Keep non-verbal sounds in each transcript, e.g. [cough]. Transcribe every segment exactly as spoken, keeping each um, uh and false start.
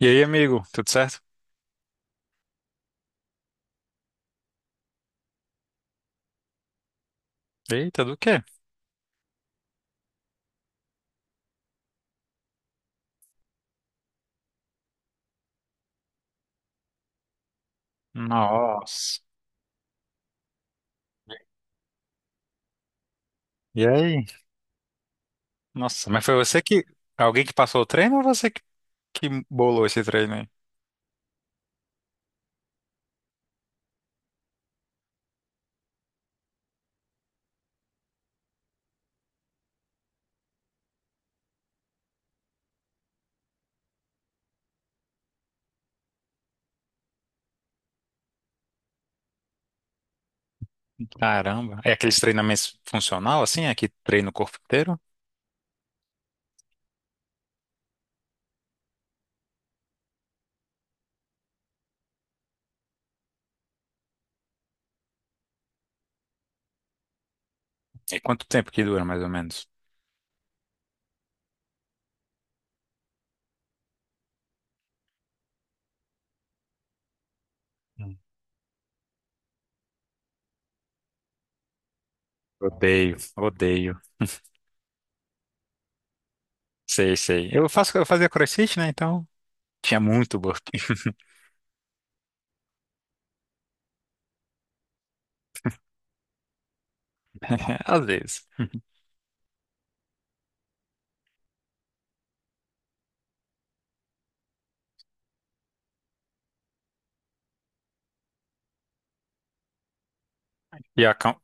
E aí, amigo, tudo certo? Eita, do quê? Nossa. E aí? Nossa, mas foi você que. Alguém que passou o treino ou você que que bolou esse treino aí? Caramba. É aqueles treinamentos funcional, assim? É que treina o corpo inteiro? E quanto tempo que dura, mais ou menos? Hum. Odeio, odeio. Sei, sei. Eu faço, eu fazia CrossFit, né? Então tinha muito burpee. [laughs] Às vezes. E, a, cam-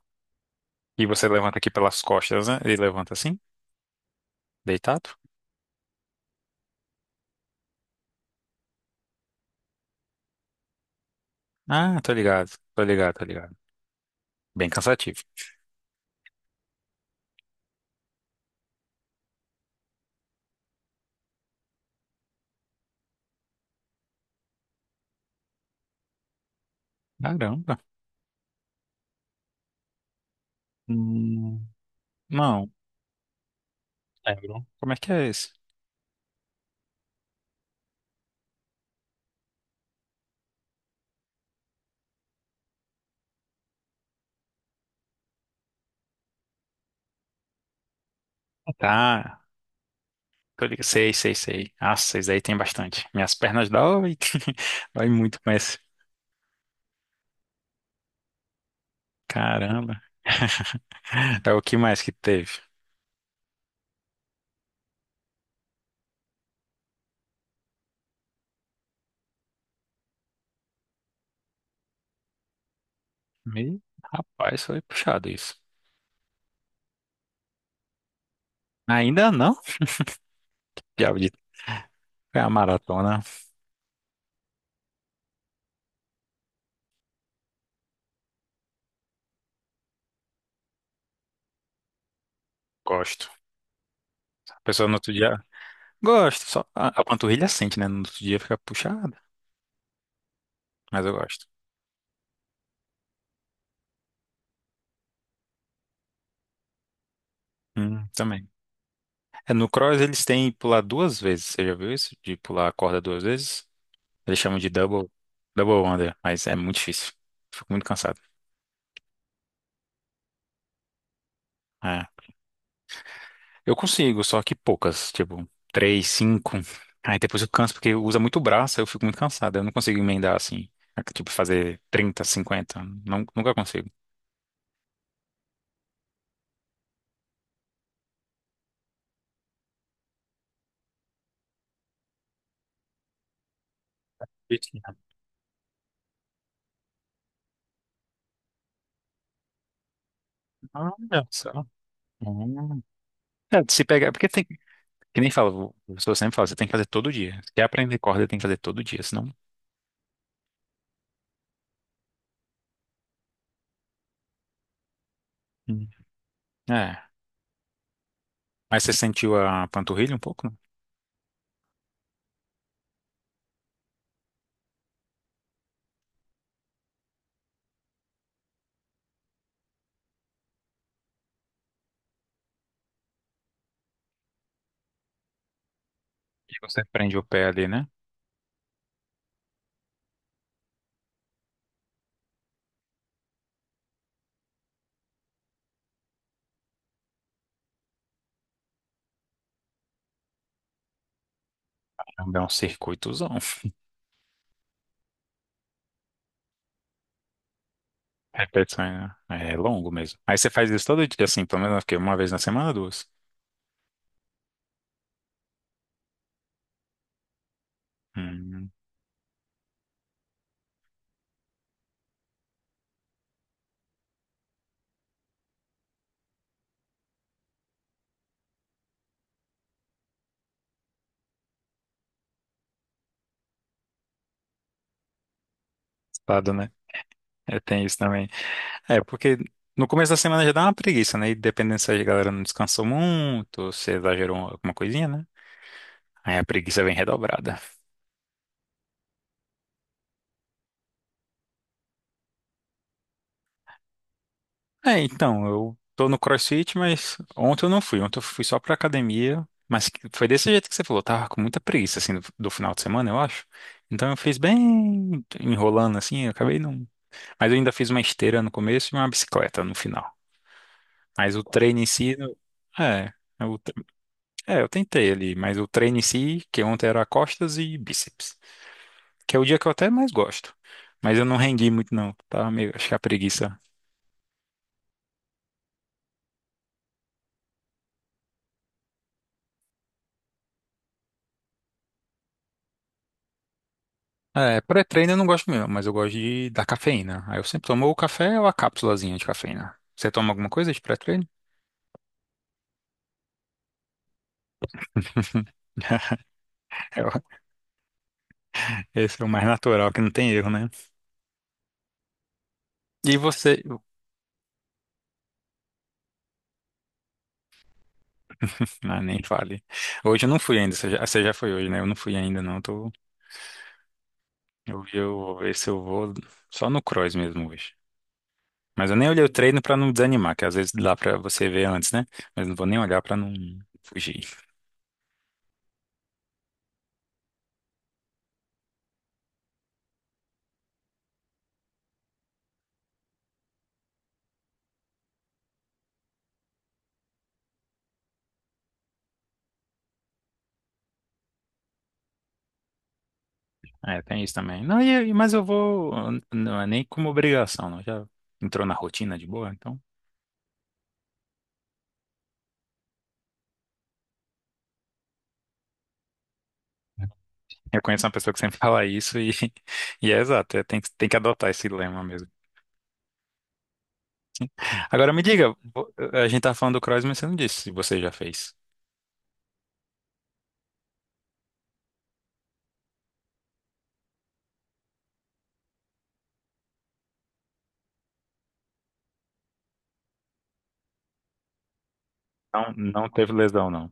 e você levanta aqui pelas costas, né? Ele levanta assim, deitado? Ah, tô ligado, tô ligado, tô ligado. Bem cansativo. Caramba. Hum, não, lembro. Como é que é esse? Ah, tá. Tô ligado. Sei, sei, sei. Ah, vocês aí tem bastante. Minhas pernas dói. [laughs] Dói muito, mas. Caramba. É o que mais que teve? Me... Rapaz, foi puxado isso. Ainda não? Diabo de. É a maratona. Gosto. A pessoa no outro dia. Gosto. Só a, a panturrilha sente, né? No outro dia fica puxada. Mas eu gosto. Hum, também. É, no cross eles têm pular duas vezes. Você já viu isso? De pular a corda duas vezes? Eles chamam de double, double under, mas é muito difícil. Fico muito cansado. É. Eu consigo, só que poucas, tipo, três, cinco. Aí depois eu canso porque usa muito o braço, aí eu fico muito cansado. Eu não consigo emendar assim, tipo, fazer trinta cinquenta. Não, nunca consigo. Vitinho. Olha só. Hum. É, se pegar, porque tem, que nem fala, o professor sempre fala, você tem que fazer todo dia. Se quer aprender corda, tem que fazer todo dia, senão. Hum. É. Mas você sentiu a panturrilha um pouco, né? E você prende o pé ali, né? É um circuitozão. Repetições, né? É longo mesmo. Aí você faz isso todo dia, assim, pelo menos eu fiquei uma vez na semana, duas. Hum, estado, né? É, tem isso também. É, porque no começo da semana já dá uma preguiça, né? E dependendo se a galera não descansou muito, ou se exagerou alguma coisinha, né? Aí a preguiça vem redobrada. É, então, eu tô no CrossFit, mas ontem eu não fui. Ontem eu fui só pra academia, mas que- foi desse jeito que você falou. Tava com muita preguiça, assim, do, do final de semana, eu acho. Então eu fiz bem enrolando, assim, eu acabei não. Mas eu ainda fiz uma esteira no começo e uma bicicleta no final. Mas o treino em si, eu- é, eu, tre- é, eu tentei ali, mas o treino em si, que ontem era costas e bíceps, que é o dia que eu até mais gosto. Mas eu não rendi muito não, tá? Meio, acho que é a preguiça. É, pré-treino eu não gosto mesmo, mas eu gosto de da cafeína. Aí eu sempre tomo o café ou a cápsulazinha de cafeína. Você toma alguma coisa de pré-treino? [laughs] É, esse é o mais natural, que não tem erro, né? E você? [laughs] Ah, nem fale. Hoje eu não fui ainda. Você já, você já foi hoje, né? Eu não fui ainda, não. Tô, eu, eu vou ver se eu vou só no cross mesmo hoje. Mas eu nem olhei o treino pra não desanimar, que às vezes dá pra você ver antes, né? Mas não vou nem olhar pra não fugir. É, tem isso também. Não, e, e- Mas eu vou. Não é nem como obrigação, não. Já entrou na rotina de boa, então. Eu conheço uma pessoa que sempre [laughs] fala isso e, [laughs] e é exato. É, tem, que- tem que adotar esse lema mesmo. Agora me diga, vo- eh, a gente tá falando do cross, mas você não disse se você já fez. Não, não teve lesão, não.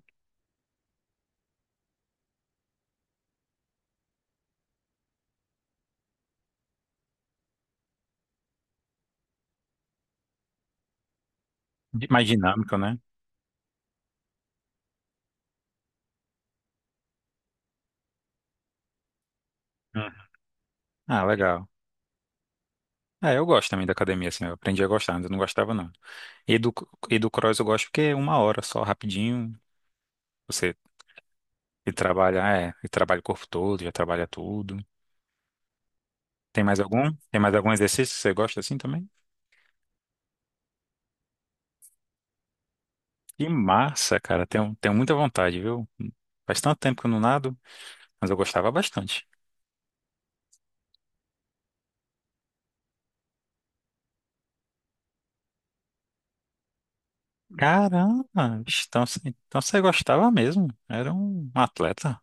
Di- Mais dinâmico, né? Uhum. Ah, legal. Ah, eu gosto também da academia, assim, eu aprendi a gostar, antes eu não gostava, não. E do, e do cross eu gosto porque é uma hora só, rapidinho, você e trabalha, é, e trabalha o corpo todo, já trabalha tudo. Tem mais algum? Tem mais algum exercício que você gosta assim também? Que massa, cara, tenho, tenho muita vontade, viu? Faz tanto tempo que eu não nado, mas eu gostava bastante. Caramba, bicho, então, você- então você gostava mesmo. Era um atleta.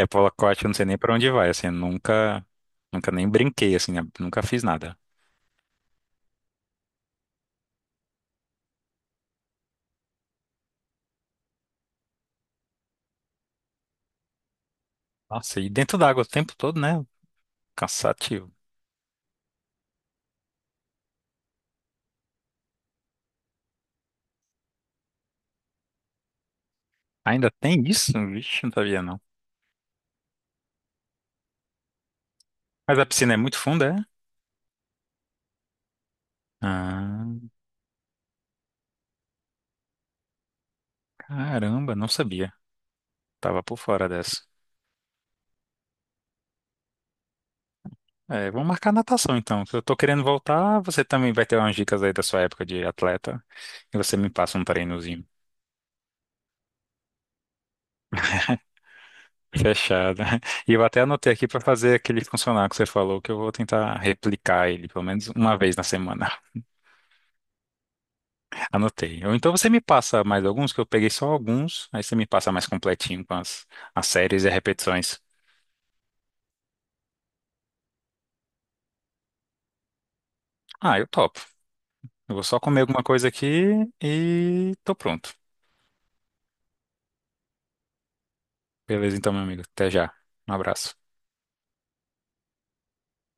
É, polo aquático, eu não sei nem pra onde vai, assim, nunca, nunca nem brinquei, assim, né? Nunca fiz nada. Nossa, e dentro d'água o tempo todo, né? Cansativo. Ainda tem isso? Vixe, não sabia não. Mas a piscina é muito funda, é? Ah, caramba, não sabia. Tava por fora dessa. É, vamos marcar natação então. Se eu tô querendo voltar, você também vai ter umas dicas aí da sua época de atleta e você me passa um treinozinho. Fechado. [laughs] E eu até anotei aqui para fazer aquele funcionar que você falou, que eu vou tentar replicar ele pelo menos uma vez na semana. [laughs] Anotei. Ou então você me passa mais alguns, que eu peguei só alguns, aí você me passa mais completinho com as, as séries e repetições. Ah, eu topo. Eu vou só comer alguma coisa aqui e tô pronto. Beleza, então, meu amigo. Até já. Um abraço.